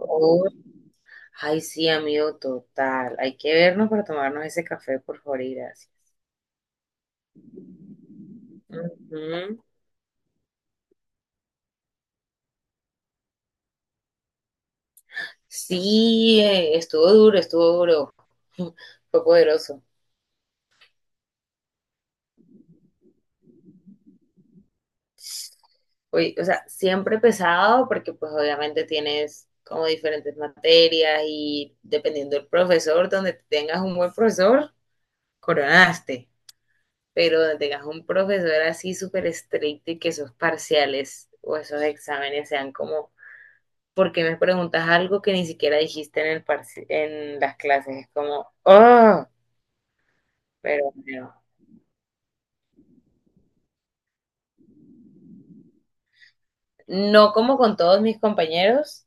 Oh, ay, sí, amigo, total. Hay que vernos para tomarnos ese café, por favor, y gracias. Ujú. Sí, estuvo duro, estuvo duro. Fue poderoso. Oye, o sea, siempre pesado porque pues obviamente tienes como diferentes materias y dependiendo del profesor, donde tengas un buen profesor, coronaste. Pero donde tengas un profesor así súper estricto y que esos parciales o esos exámenes sean como porque me preguntas algo que ni siquiera dijiste en las clases. Es como, oh, pero bueno. No como con todos mis compañeros,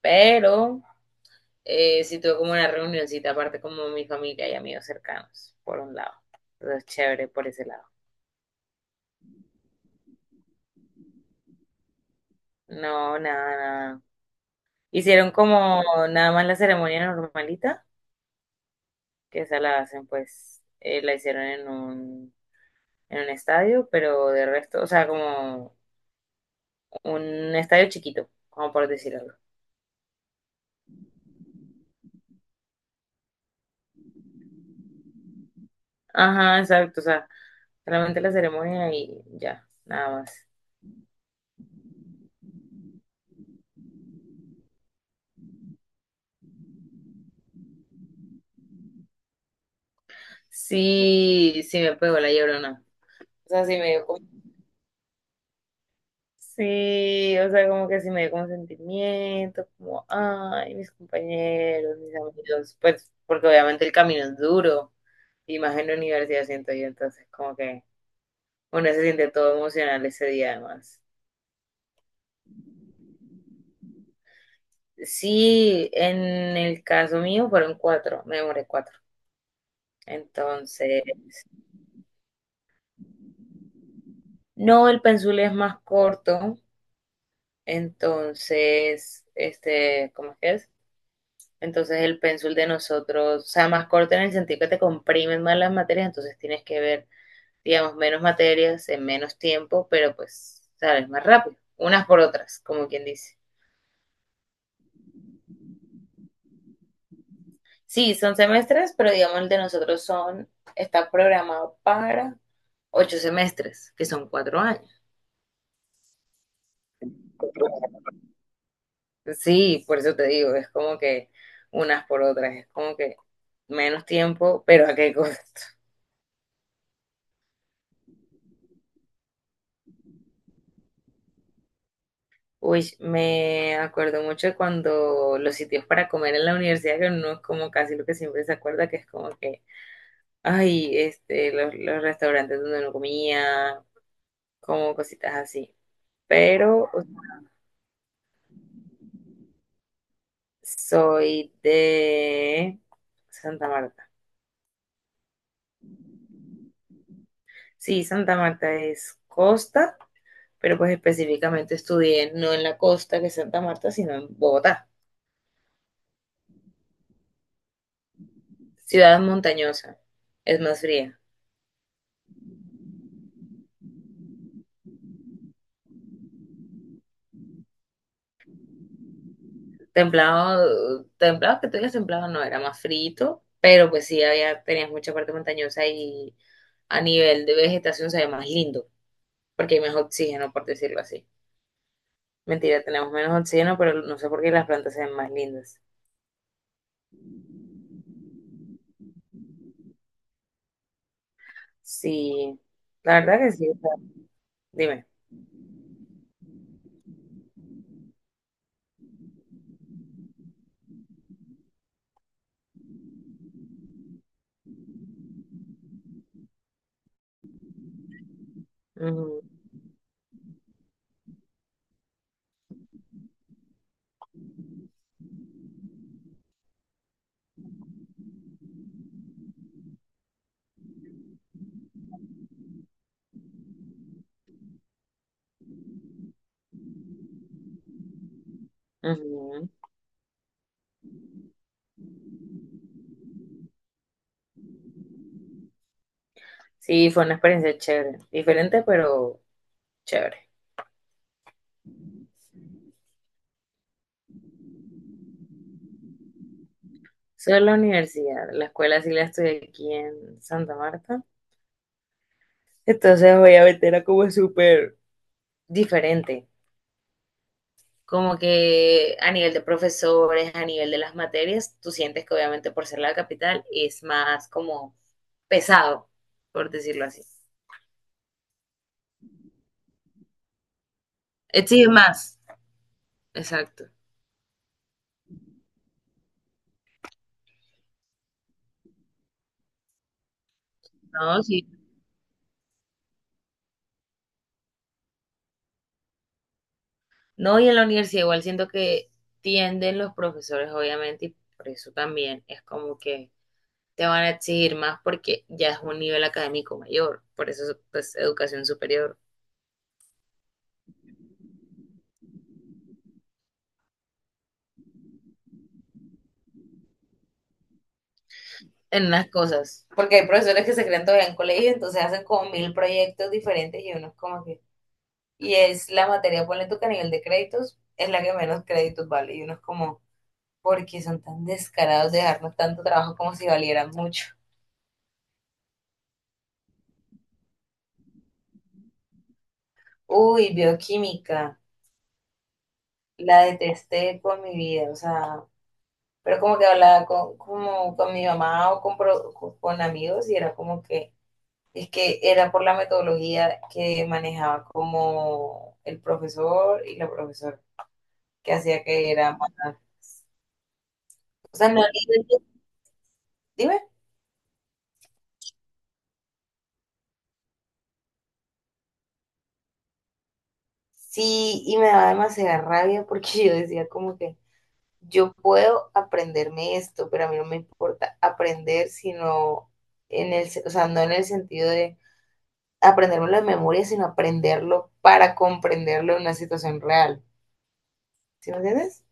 pero sí tuve como una reunioncita aparte como mi familia y amigos cercanos, por un lado. Entonces, chévere por ese lado. No, nada, nada. Hicieron como nada más la ceremonia normalita, que esa la hacen pues, la hicieron en un estadio, pero de resto, o sea, como un estadio chiquito, como por decir algo. Ajá, exacto, o sea, solamente la ceremonia y ya, nada más. Sí, sí me pegó la llorona. O sea, sí me dio como… Sí, o sea, como que sí me dio como sentimiento, como, ay, mis compañeros, mis amigos, pues, porque obviamente el camino es duro, y más en la universidad siento yo, entonces como que uno se siente todo emocional ese día además. Sí, en el caso mío fueron cuatro, me demoré cuatro. Entonces, no, el pensul es más corto, entonces, este, ¿cómo es que es? Entonces el pensul de nosotros, o sea, más corto en el sentido que te comprimen más las materias, entonces tienes que ver, digamos, menos materias en menos tiempo, pero pues, sabes, más rápido, unas por otras, como quien dice. Sí, son semestres, pero digamos el de nosotros son, está programado para ocho semestres, que son cuatro años. Sí, por eso te digo, es como que unas por otras, es como que menos tiempo, pero a qué costo. Uy, me acuerdo mucho de cuando los sitios para comer en la universidad, que no es como casi lo que siempre se acuerda, que es como que, ay, este, los restaurantes donde uno comía, como cositas así. Pero soy de Santa Marta. Sí, Santa Marta es costa. Pero pues específicamente estudié no en la costa, que es Santa Marta, sino en Bogotá. Ciudad montañosa, es más fría. Templado, templado, que tú digas templado, no, era más frito, pero pues sí había, tenías mucha parte montañosa y a nivel de vegetación se ve más lindo, porque hay más oxígeno, por decirlo así. Mentira, tenemos menos oxígeno, pero no sé por qué las plantas se ven más lindas. Sí, la verdad que sí, o sea, dime. Ujú, ujú. Sí, fue una experiencia chévere, diferente, pero chévere. Solo la universidad, la escuela sí la estoy aquí en Santa Marta. Entonces obviamente era como súper diferente. Como que a nivel de profesores, a nivel de las materias, tú sientes que obviamente por ser la capital es más como pesado, por decirlo así. Exige más. Exacto. No, sí. No, y en la universidad igual siento que tienden los profesores, obviamente, y por eso también es como que te van a exigir más porque ya es un nivel académico mayor, por eso es pues educación superior en las cosas. Porque hay profesores que se creen todavía en colegio, entonces hacen como mil proyectos diferentes y uno es como que… Y es la materia, ponle tú que a nivel de créditos es la que menos créditos vale y uno es como, ¿por qué son tan descarados de dejarnos tanto trabajo como si valieran mucho? Uy, bioquímica, la detesté con mi vida, o sea, pero como que hablaba con, como con mi mamá o con amigos y era como que es que era por la metodología que manejaba como el profesor y la profesora, que hacía que era más… O sea, no, dime. Sí, y me daba demasiada rabia porque yo decía como que yo puedo aprenderme esto, pero a mí no me importa aprender, sino o sea, no en el sentido de aprenderlo de memoria, sino aprenderlo para comprenderlo en una situación real. ¿Sí me entiendes?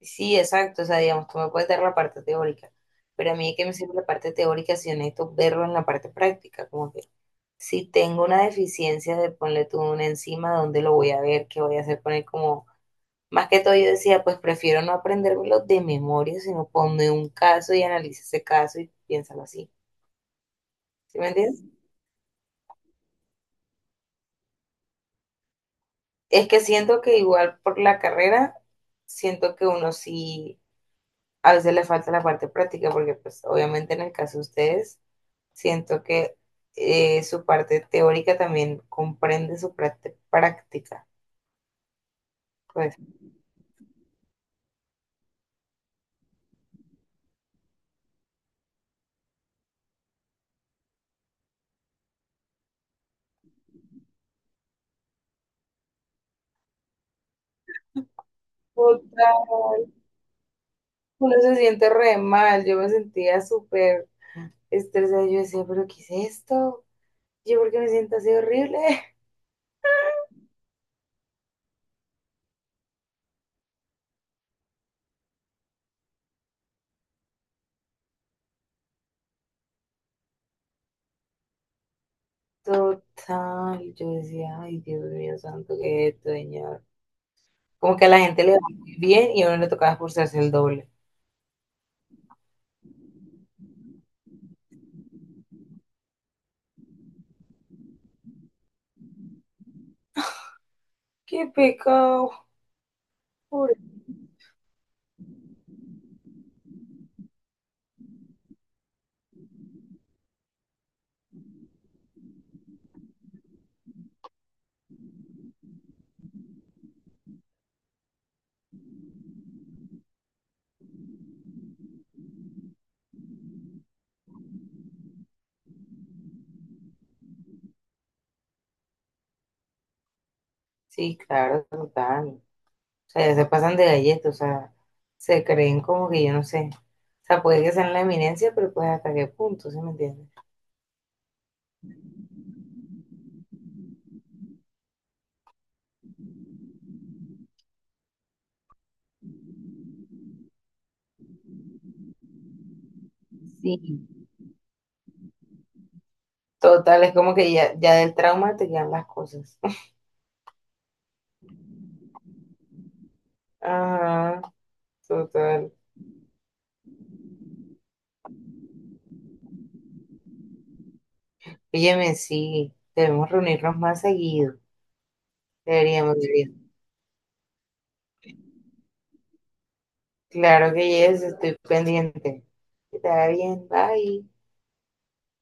Sí, exacto, o sea, digamos, tú me puedes dar la parte teórica, pero a mí es que me sirve la parte teórica si necesito verlo en la parte práctica, como que si tengo una deficiencia de ponle tú una enzima, ¿dónde lo voy a ver? ¿Qué voy a hacer con él? Como, más que todo yo decía, pues prefiero no aprendérmelo de memoria, sino ponme un caso y analiza ese caso y piénsalo así, ¿sí me entiendes? Es que siento que igual por la carrera, siento que uno sí, a veces le falta la parte práctica, porque pues obviamente en el caso de ustedes siento que su parte teórica también comprende su parte práctica. Pues, total. Uno se siente re mal. Yo me sentía súper estresada. Yo decía, ¿pero qué es esto? ¿Yo por qué me siento así horrible? Total. Yo decía, ay, Dios mío santo, qué es esto, señor. Como que a la gente le va muy bien y a uno le tocaba esforzarse el doble. Qué pecado. Pobre. Sí, claro, total. O sea, ya se pasan de galletas, o sea, se creen como que yo no sé. O sea, puede que sean la eminencia, pero pues hasta qué punto, ¿sí me entiendes? Sí. Total, es como que ya, ya del trauma te quedan las cosas. Ajá, total. Óyeme, sí, debemos reunirnos más seguido. Deberíamos, deberíamos. Claro que yes, estoy pendiente. Que te vaya bien, bye.